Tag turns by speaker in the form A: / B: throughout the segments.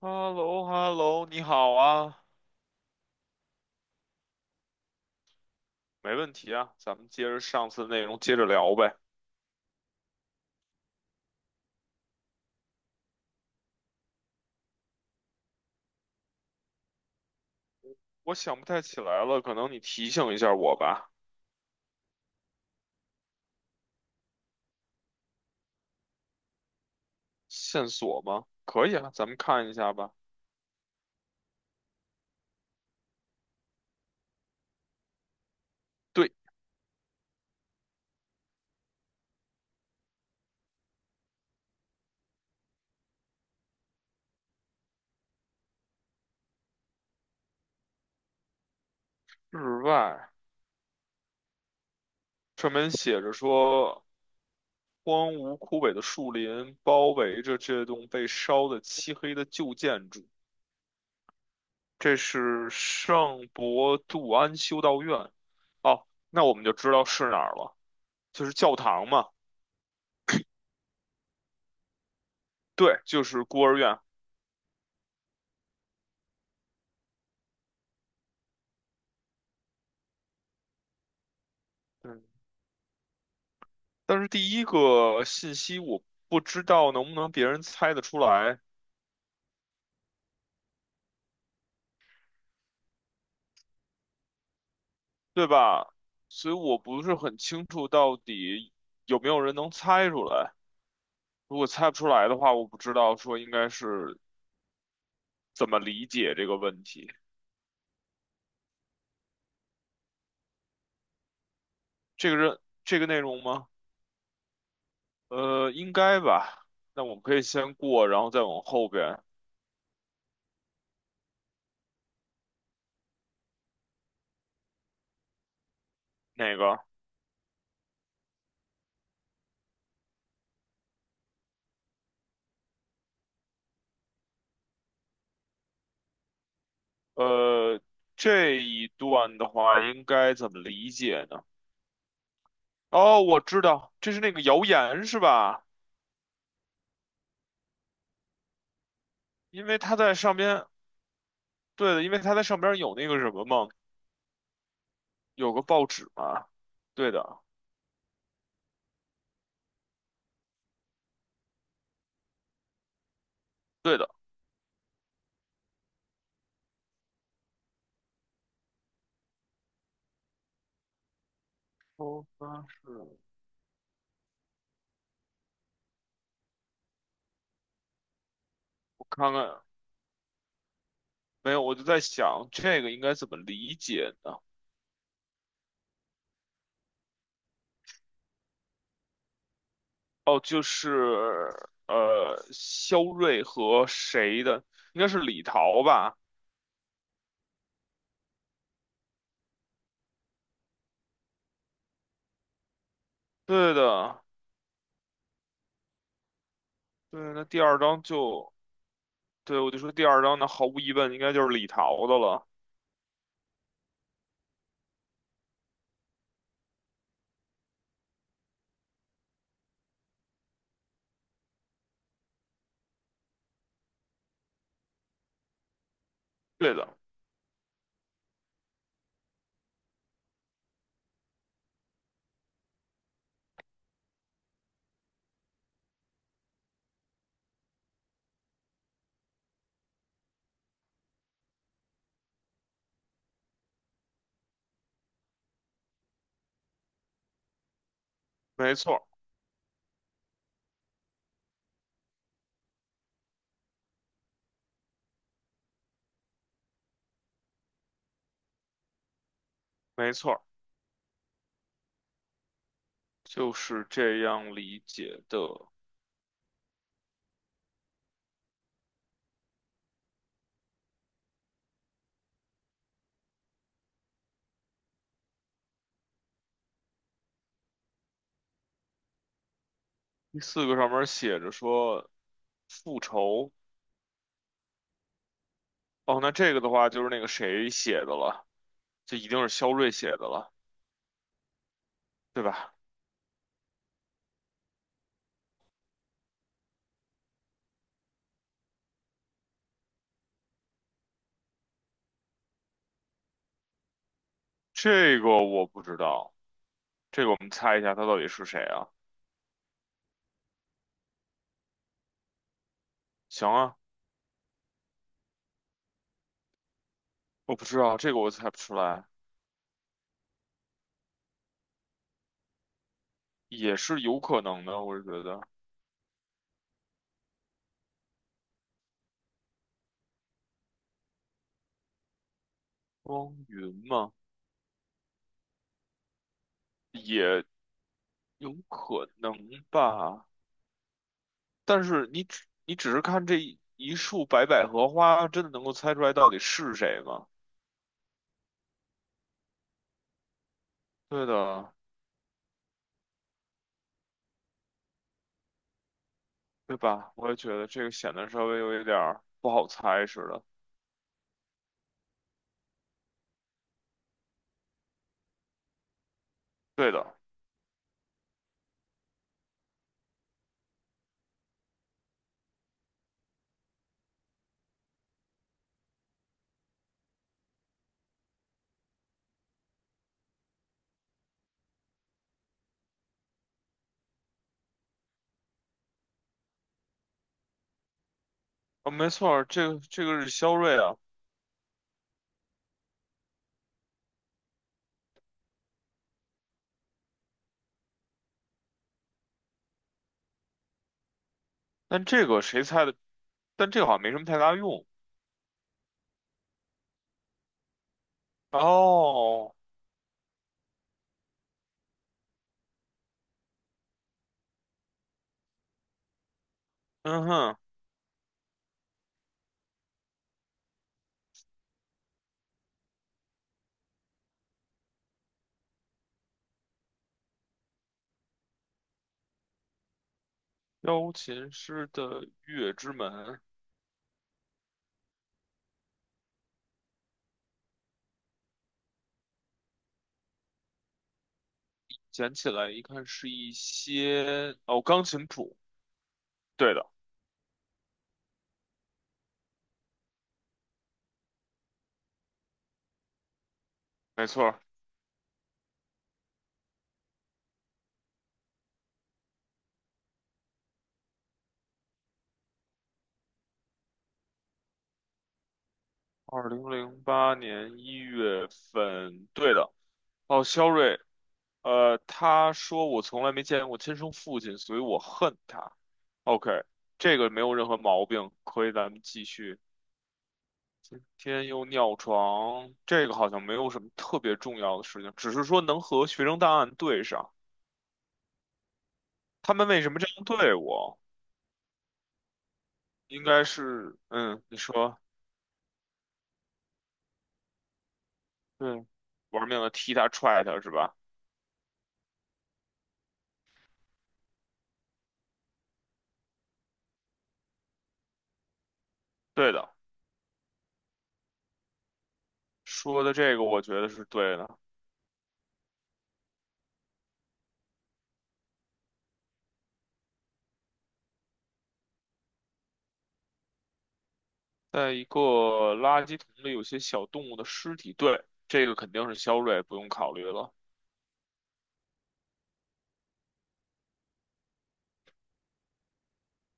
A: h e l l o h e l l o 你好啊，没问题啊，咱们接着上次的内容接着聊呗。我想不太起来了，可能你提醒一下我吧。线索吗？可以啊，咱们看一下吧。对，日外上面写着说，荒芜枯萎的树林包围着这栋被烧得漆黑的旧建筑，这是圣伯杜安修道院。哦，那我们就知道是哪儿了，就是教堂嘛。对，就是孤儿院。嗯。但是第一个信息我不知道能不能别人猜得出来，对吧？所以我不是很清楚到底有没有人能猜出来。如果猜不出来的话，我不知道说应该是怎么理解这个问题。这个人这个内容吗？应该吧。那我们可以先过，然后再往后边哪个。呃，这一段的话应该怎么理解呢？哦，我知道，这是那个谣言是吧？因为他在上边，对的，因为他在上边有那个什么嘛，有个报纸嘛，对的，对的。哦，那是我看看，没有，我就在想这个应该怎么理解呢？哦，就是肖瑞和谁的？应该是李桃吧？对的，对，那第二章就，对，我就说第二章那毫无疑问应该就是李桃的了。对的，没错，没错，就是这样理解的。第四个上面写着说复仇，哦，那这个的话就是那个谁写的了，这一定是肖瑞写的了，对吧？这个我不知道，这个我们猜一下他到底是谁啊？行啊，我不知道，这个我猜不出来，也是有可能的，我是觉得汪云嘛，也有可能吧。但是你只是看这一束白百合花，真的能够猜出来到底是谁吗？对的。对吧？我也觉得这个显得稍微有一点儿不好猜似的。对的，哦，没错儿，这个是肖瑞啊，但这个谁猜的？但这个好像没什么太大用。哦，嗯哼，钢琴师的月之门，捡起来一看是一些哦，钢琴谱。对的，没错儿，2008年1月份，对的。哦，肖瑞，他说我从来没见过亲生父亲，所以我恨他。OK，这个没有任何毛病，可以咱们继续。天佑尿床，这个好像没有什么特别重要的事情，只是说能和学生档案对上。他们为什么这样对我？应该是，嗯，你说，对，玩命的踢他踹他是吧？对的，说的这个我觉得是对的。在一个垃圾桶里有些小动物的尸体，对，这个肯定是肖瑞，不用考虑了。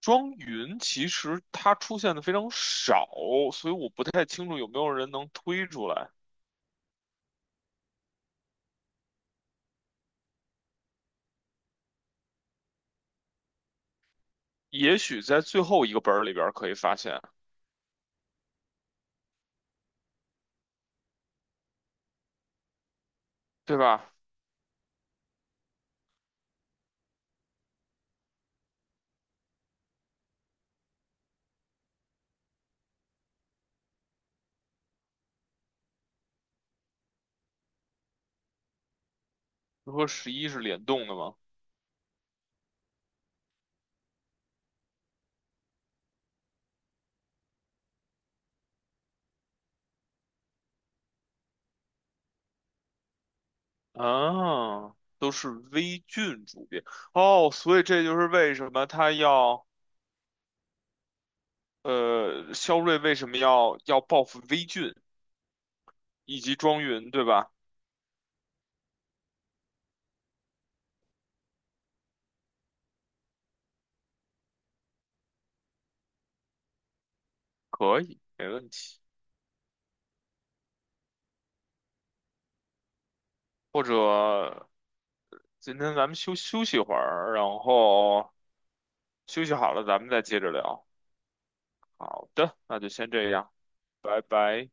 A: 庄云其实它出现的非常少，所以我不太清楚有没有人能推出来。也许在最后一个本儿里边儿可以发现，对吧？就和11是联动的吗？啊，都是微菌主变哦，所以这就是为什么他要肖瑞为什么要报复微菌以及庄云，对吧？可以，没问题。或者今天咱们休息会儿，然后休息好了咱们再接着聊。好的，那就先这样，拜拜。